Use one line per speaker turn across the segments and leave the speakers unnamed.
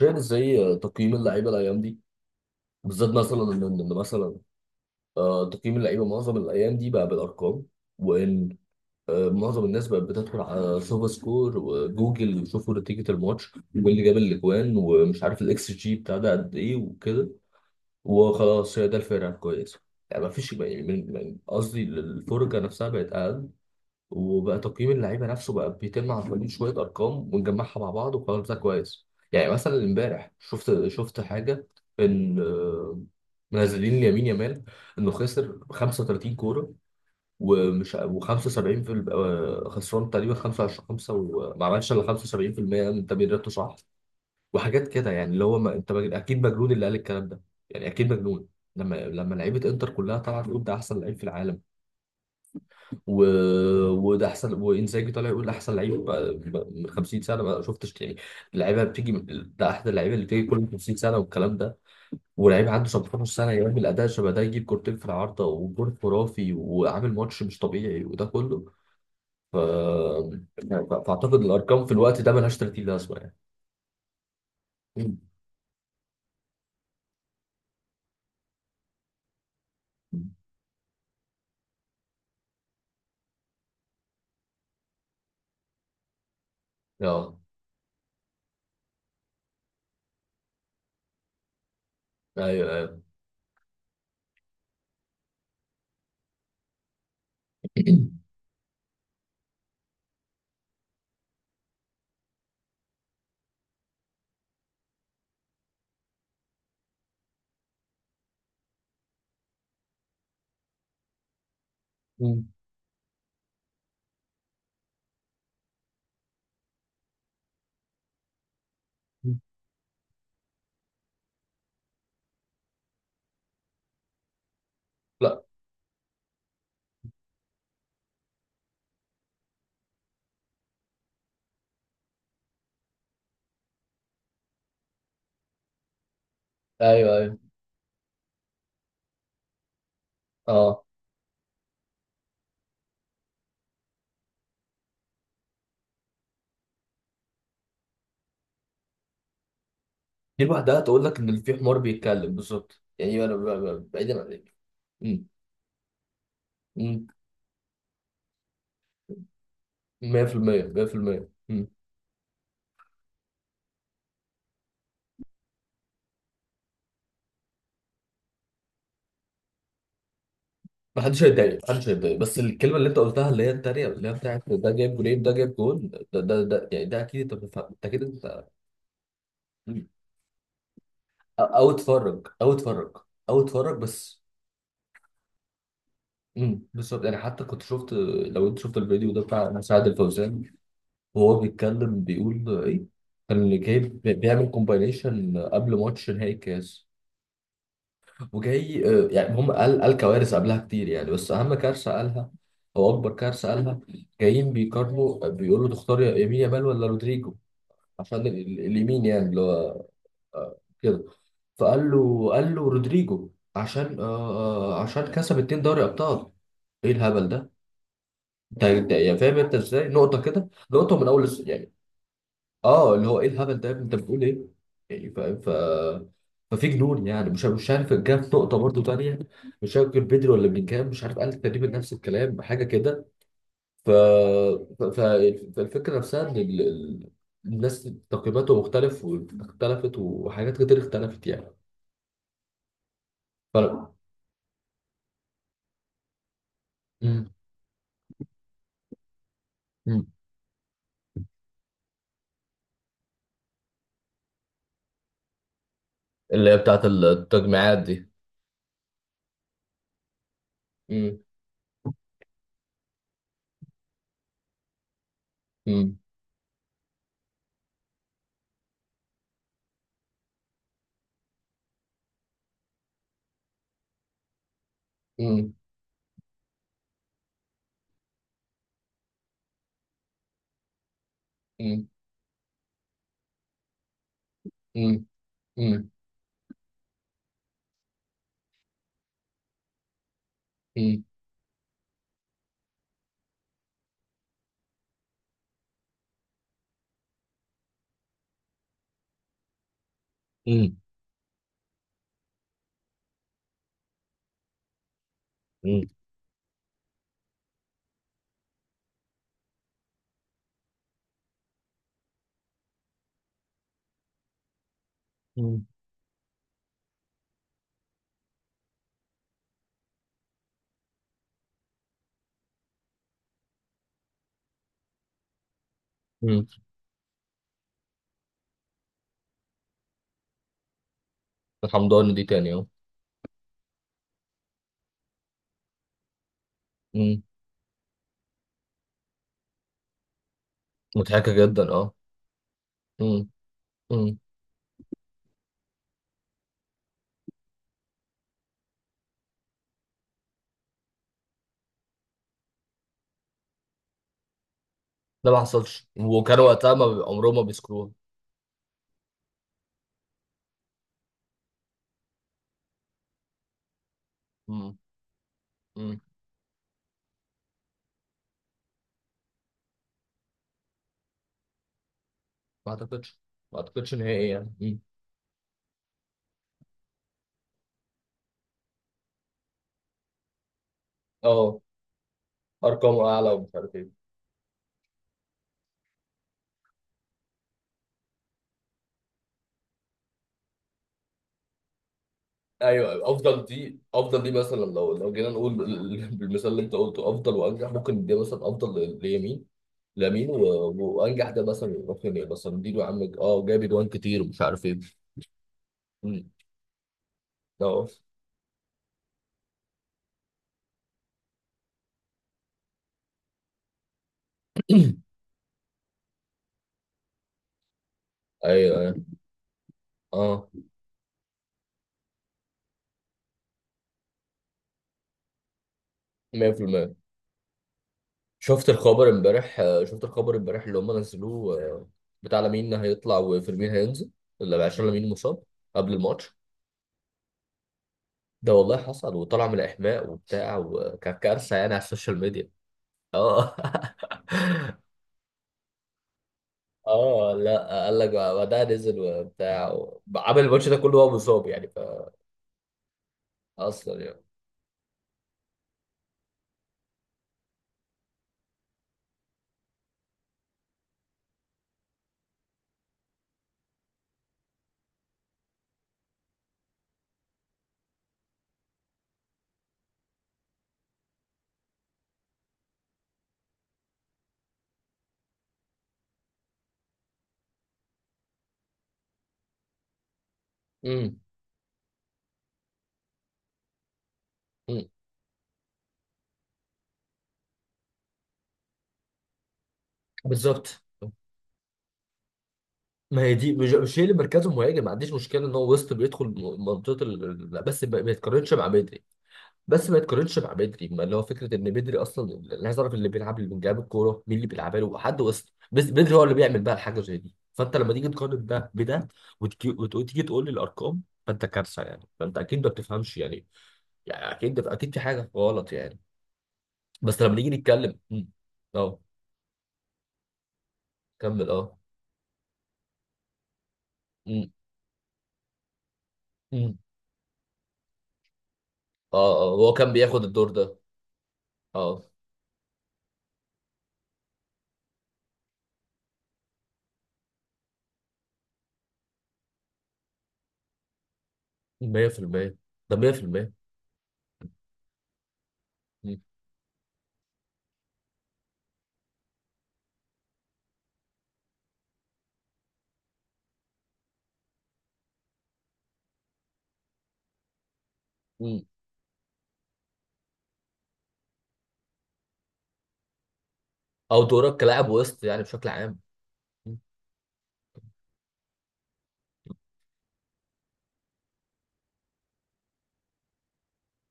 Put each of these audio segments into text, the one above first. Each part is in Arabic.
فاهم ازاي تقييم اللعيبه الايام دي، بالذات مثلا ان مثلا تقييم اللعيبه معظم الايام دي بقى بالارقام. وان آه، معظم الناس بقت بتدخل على سوفا سكور وجوجل ويشوفوا نتيجه الماتش واللي جاب الاجوان ومش عارف الاكس جي بتاع ده قد ايه وكده، وخلاص هي ده الفرقه الكويسه. يعني ما فيش، يعني قصدي الفرجه نفسها بقت اقل، وبقى تقييم اللعيبه نفسه بقى بيتم عن طريق شويه ارقام ونجمعها مع بعض وقرار ده كويس. يعني مثلا امبارح شفت حاجه ان آه، منزلين لامين يامال انه خسر 35 كوره، ومش و75 في ال- آه، خسران تقريبا 25 5 وما عملش الا 75% من تمريراته، صح؟ وحاجات كده يعني، اللي هو ما انت اكيد مجنون اللي قال الكلام ده، يعني اكيد مجنون. لما لعيبه انتر كلها طلعت تقول ده احسن لعيب في العالم و... وده احسن، وانزاجي طالع يقول ده احسن لعيب بقى من 50 سنه ما شفتش يعني، اللعيبه ده احد اللعيبه اللي بتيجي كل 50 سنه والكلام ده، ولعيب عنده 17 سنه يعمل اداء شبه ده، يجيب كورتين في العارضه وجول خرافي وعامل ماتش مش طبيعي وده كله. فاعتقد الارقام في الوقت ده ملهاش 30 لازمه يعني. مم. اه، ايوه ايوه. مم. لا، ايوه ايوه، اه، دي لوحدها تقول لك ان في حمار بيتكلم بالظبط يعني، انا بعيدا عن. مم. 100% 100%. مم. محدش هيتضايق، محدش هيتضايق، بس الكلمه اللي انت قلتها اللي هي التانيه، اللي هي بتاعت ده جايب جولين ده جايب جول ده يعني، ده اكيد انت بتفهم، انت اكيد انت. مم. أو اتفرج بس. مم. بالظبط، يعني حتى كنت شفت، لو انت شفت الفيديو ده بتاع سعد الفوزان وهو بيتكلم بيقول ايه، كان اللي جايب بيعمل كومباينيشن قبل ماتش نهائي الكاس، وجاي يعني، هم قال كوارث قبلها كتير يعني، بس اهم كارثه قالها، او اكبر كارثه قالها، جايين بيقارنوا بيقولوا تختار يا يمين يامال ولا رودريجو، عشان اليمين يعني اللي هو كده. فقال له قال له رودريجو، عشان آه، آه، عشان كسب اتنين دوري ابطال. ايه الهبل ده؟ يعني فاهم انت ازاي، نقطه كده نقطه، من اول يعني اه، اللي هو ايه الهبل ده يا ابني؟ انت بتقول ايه، يعني فاهم. ففي جنون يعني، مش عارف، جه في نقطه برضو تانية، مش فاكر بدري ولا بلينجهام، مش عارف، قال تقريبا نفس الكلام، حاجه كده. ف... ف... ف... فالفكره نفسها ان الناس تقييماته مختلف، واختلفت، وحاجات كتير اختلفت يعني. ف... مم. مم. اللي هي بتاعت التجميعات دي. مم. مم. مم. مم. مم. مم. مم. مم. مم. مم. الحمضاني دي تاني اهو. مضحكة جدا اه. مم. مم. ده ما حصلش، وكان وقتها ما بي- عمرهم ما بيذكروها. مم. مم. ما اعتقدش، ما اعتقدش ان هي ايه يعني. مم. اه. ارقام اعلى ومش عارف ايه. ايوه أيوة. افضل دي مثلا، لو جينا نقول بالمثال اللي انت قلته، افضل وانجح، ممكن دي مثلا افضل ليمين، لامين، وانجح ده مثلا ممكن ايه، مثلا دي يا عم اه، جاب جوان كتير ومش عارف ايه. مم. اه. ايوه ايوه. اه. 100%. شفت الخبر امبارح، شفت الخبر امبارح اللي هم نزلوه، بتاع لامين هيطلع وفيرمين هينزل، اللي عشان لامين مصاب قبل الماتش. ده والله حصل، وطلع من الاحماء وبتاع، وكانت كارثه يعني على السوشيال ميديا. اه. اه لا، قال لك بعدها نزل وبتاع، عمل الماتش ده كله وهو مصاب يعني، ف اصلا يعني. امم. أمم. بالظبط، ما هي دي، مش هي اللي مركزه مهاجم، ما عنديش مشكله ان هو وسط بيدخل منطقه لا، بس ما يتقارنش مع بدري. بس ما يتقارنش مع بدري، ما اللي هو فكره ان بدري اصلا، اللي عايز اعرف، اللي بيلعب، اللي بيلعب الكوره مين؟ اللي بيلعبها له حد وسط، بس بدري هو اللي بيعمل بقى الحاجه زي دي. فانت لما تيجي تقارن ده بده، وتيجي تقول لي الارقام، فانت كارثه يعني، فانت اكيد ما بتفهمش يعني، يعني اكيد اكيد في حاجه غلط يعني. بس لما نيجي نتكلم، مم. اه، كمل، اه. مم. مم. اه، اه هو كان بياخد الدور ده، اه. 100%. ده 100%. مم. مم. او دورك كلاعب وسط يعني بشكل عام. مم.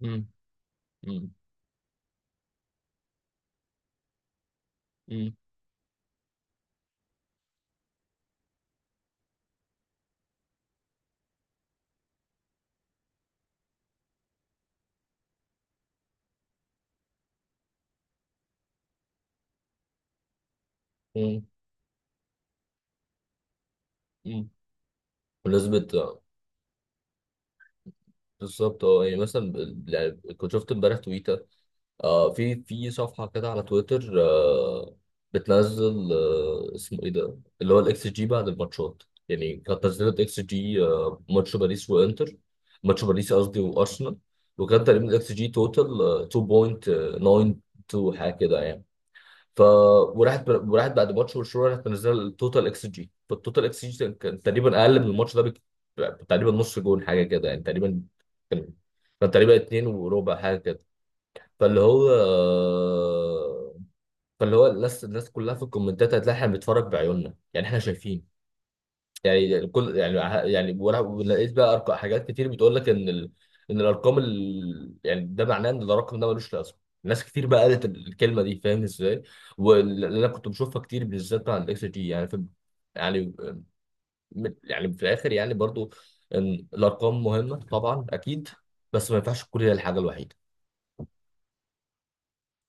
مم. مم. مم. مم. مم. بمناسبة. بالظبط، اه يعني مثلا، يعني كنت شفت امبارح تويتر، في صفحة كده على تويتر، بتنزل، اسمه ايه ده، اللي هو الاكس جي بعد الماتشات، يعني كانت نزلت اكس جي ماتش باريس وانتر، ماتش باريس قصدي وارسنال، وكان تقريبا الاكس جي توتال 2.92 حاجة كده يعني. ف وراحت بعد ماتش برشلونه، راحت منزله التوتال اكس جي، فالتوتال اكس جي كان تقريبا اقل من الماتش ده تقريبا نص جون حاجه كده يعني، تقريبا كان، كان تقريبا اتنين وربع حاجه كده. فاللي هو، فاللي هو الناس كلها في الكومنتات، هتلاقي احنا بنتفرج بعيوننا يعني، احنا شايفين يعني، الكل يعني، يعني وانا لقيت بقى أرقام، حاجات كتير بتقول لك ان ان الارقام يعني، ده معناه ان الرقم ده ملوش لازمه، ناس كتير بقى قالت الكلمه دي، فاهم ازاي. واللي انا كنت بشوفها كتير بالذات مع الاكس جي، يعني في، يعني يعني في الاخر يعني برضو، إن الارقام مهمه طبعا اكيد، بس ما ينفعش تكون هي الحاجه الوحيده.